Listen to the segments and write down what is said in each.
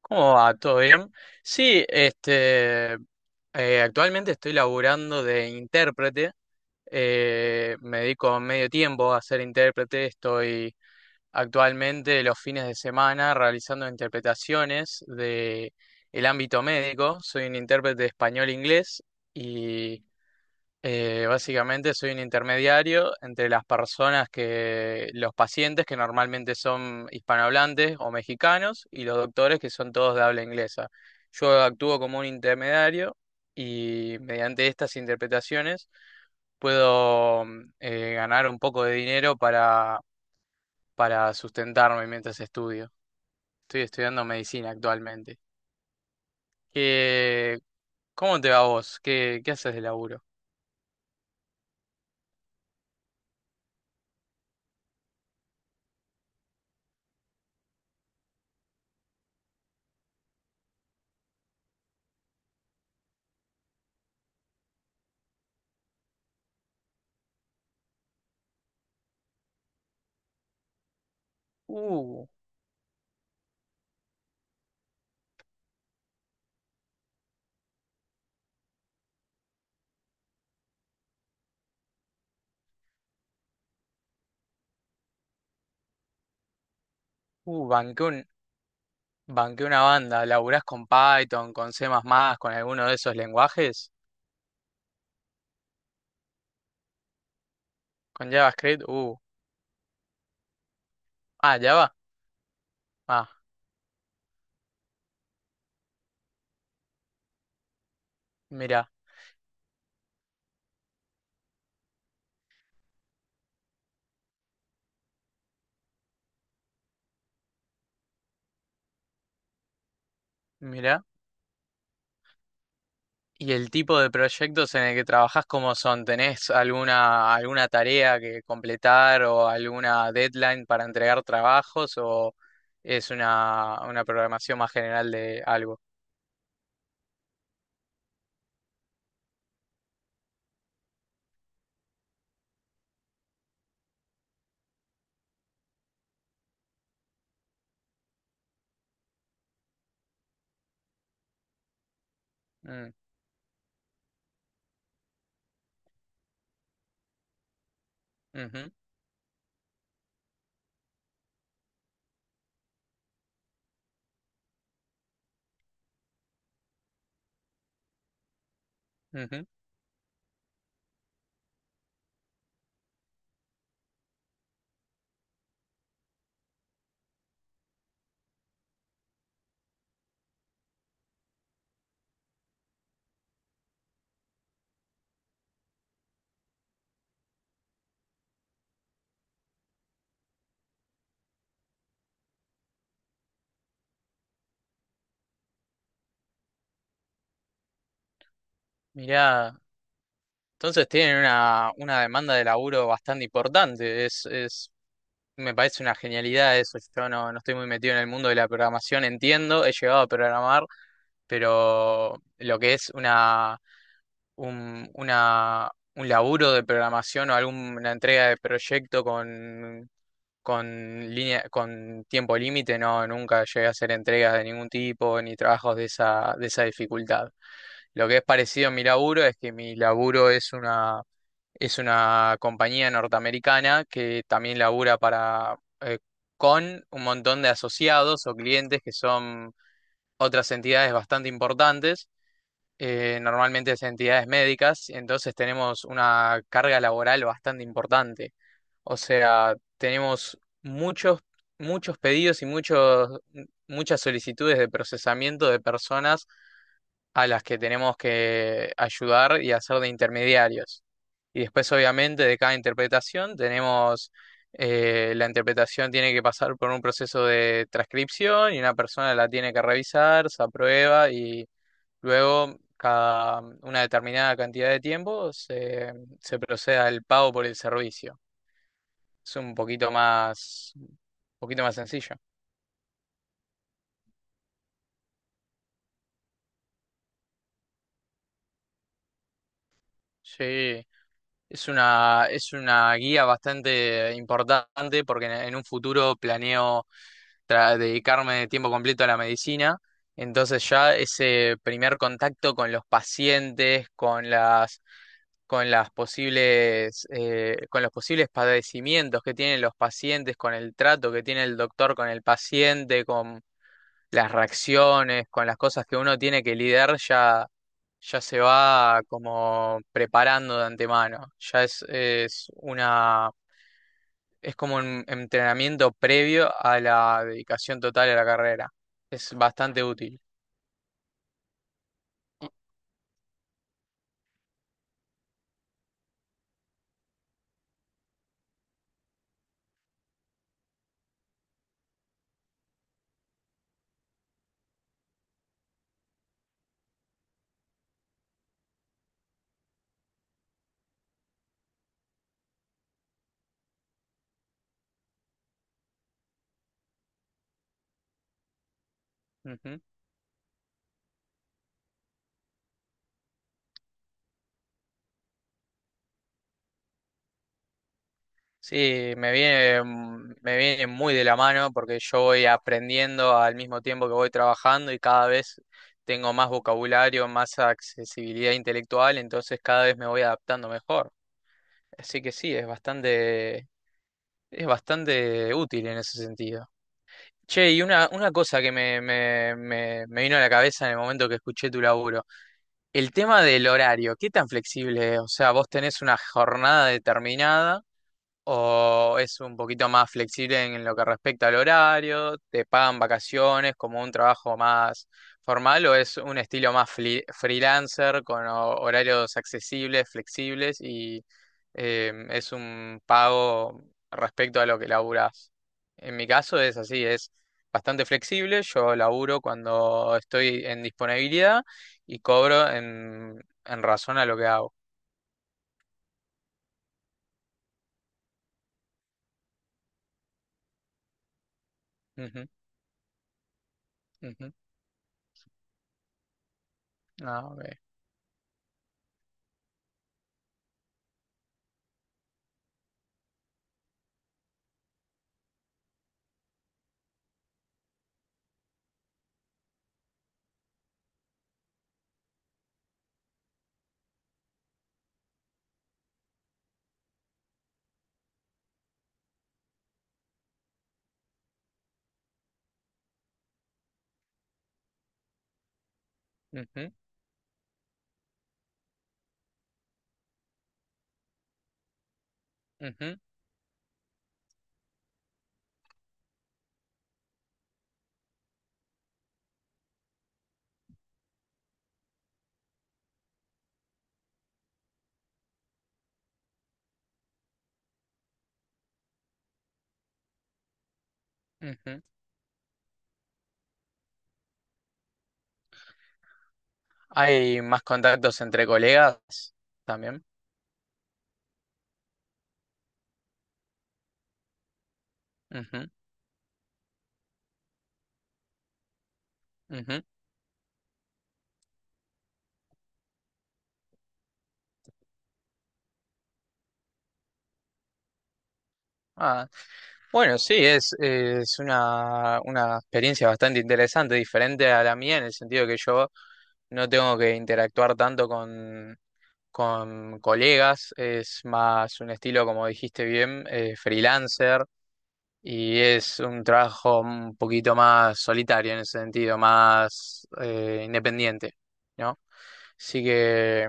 ¿Cómo va? ¿Todo bien? Sí, actualmente estoy laburando de intérprete. Me dedico medio tiempo a ser intérprete. Estoy actualmente los fines de semana realizando interpretaciones de el ámbito médico. Soy un intérprete de español-inglés. Básicamente soy un intermediario entre las los pacientes que normalmente son hispanohablantes o mexicanos y los doctores que son todos de habla inglesa. Yo actúo como un intermediario y mediante estas interpretaciones puedo ganar un poco de dinero para sustentarme mientras estudio. Estoy estudiando medicina actualmente. ¿Qué- ¿Cómo te va a vos? ¿Qué haces de laburo? Uh, uh, banqué un- Banqué una banda. ¿Laburás con Python, con C++, con alguno de esos lenguajes? ¿Con JavaScript? Java. Ah, mira, mira. ¿Y el tipo de proyectos en el que trabajás cómo son? ¿Tenés alguna tarea que completar o alguna deadline para entregar trabajos o es una programación más general de algo? Mm, ujú, ujú. Mirá, entonces tienen una demanda de laburo bastante importante. Es Me parece una genialidad eso. Yo no estoy muy metido en el mundo de la programación, entiendo, he llegado a programar, pero lo que es un, una, un laburo de programación o alguna entrega de proyecto con línea, con tiempo límite, no, nunca llegué a hacer entregas de ningún tipo ni trabajos de de esa dificultad. Lo que es parecido a mi laburo es que mi laburo es una compañía norteamericana que también labura para, con un montón de asociados o clientes que son otras entidades bastante importantes, normalmente es entidades médicas, entonces tenemos una carga laboral bastante importante. O sea, tenemos muchos, muchos pedidos y muchas solicitudes de procesamiento de personas a las que tenemos que ayudar y hacer de intermediarios. Y después, obviamente, de cada interpretación la interpretación tiene que pasar por un proceso de transcripción y una persona la tiene que revisar, se aprueba y luego cada una determinada cantidad de tiempo se procede al pago por el servicio. Es un poquito más sencillo. Sí. Es es una guía bastante importante porque en un futuro planeo dedicarme de tiempo completo a la medicina. Entonces ya ese primer contacto con los pacientes, con las posibles, con los posibles padecimientos que tienen los pacientes, con el trato que tiene el doctor con el paciente, con las reacciones, con las cosas que uno tiene que lidiar ya se va como preparando de antemano, es una, es como un entrenamiento previo a la dedicación total a la carrera. Es bastante útil. Ujú. Sí, me viene muy de la mano porque yo voy aprendiendo al mismo tiempo que voy trabajando y cada vez tengo más vocabulario, más accesibilidad intelectual, entonces cada vez me voy adaptando mejor. Así que sí, es bastante útil en ese sentido. Che, y una cosa que me vino a la cabeza en el momento que escuché tu laburo, el tema del horario, ¿qué tan flexible es? O sea, ¿vos tenés una jornada determinada o es un poquito más flexible en lo que respecta al horario, te pagan vacaciones como un trabajo más formal o es un estilo más freelancer con horarios accesibles, flexibles y es un pago respecto a lo que laburas? En mi caso es así, es bastante flexible, yo laburo cuando estoy en disponibilidad y cobro en razón a lo que hago. Ujú, ujú. Ah, ok. Ujú, ujú. Ujú. Hay más contactos entre colegas también. Ujú, ujú. Ah, bueno, sí, es una experiencia bastante interesante, diferente a la mía, en el sentido que yo no tengo que interactuar tanto con colegas, es más un estilo, como dijiste bien, freelancer. Y es un trabajo un poquito más solitario en ese sentido, más independiente, ¿no? Así que,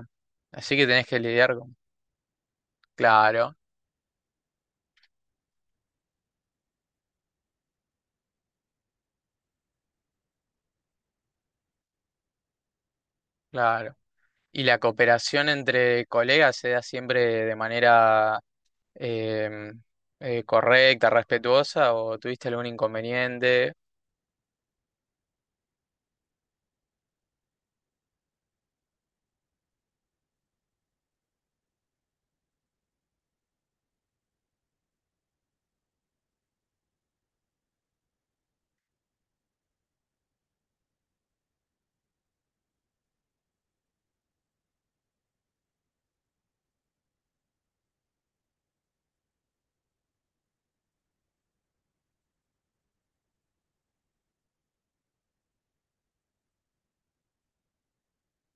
así que tenés que lidiar con... Claro, claro. Y la cooperación entre colegas se da siempre de manera em, correcta, respetuosa, o tuviste algún inconveniente.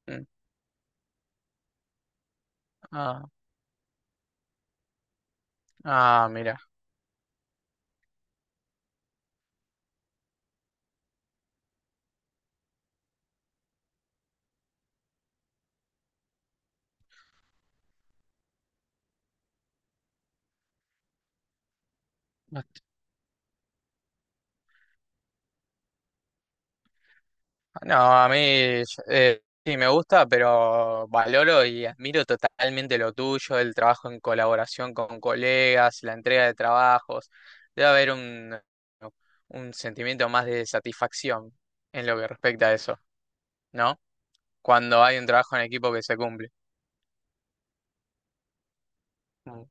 Mm, ah, mira. No, a mí sí me gusta, pero valoro y admiro totalmente lo tuyo, el trabajo en colaboración con colegas, la entrega de trabajos. Debe haber un sentimiento más de satisfacción en lo que respecta a eso, ¿no? Cuando hay un trabajo en equipo que se cumple. Mm,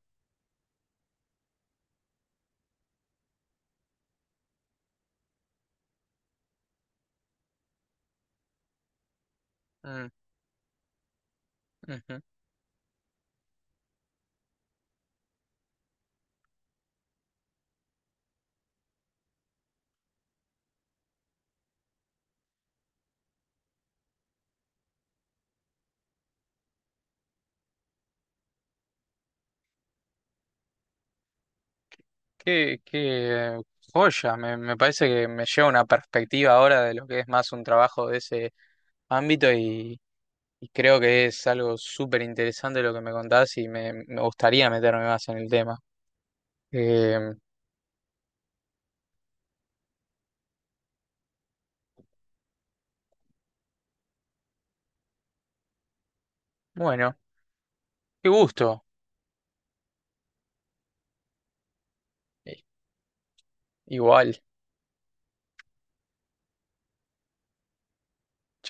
mm, ujú. Qué joya, me parece que me lleva una perspectiva ahora de lo que es más un trabajo de ese ámbito. Y creo que es algo súper interesante lo que me contás y me gustaría meterme más en el tema. Eh, bueno, qué gusto. Eh, Igual.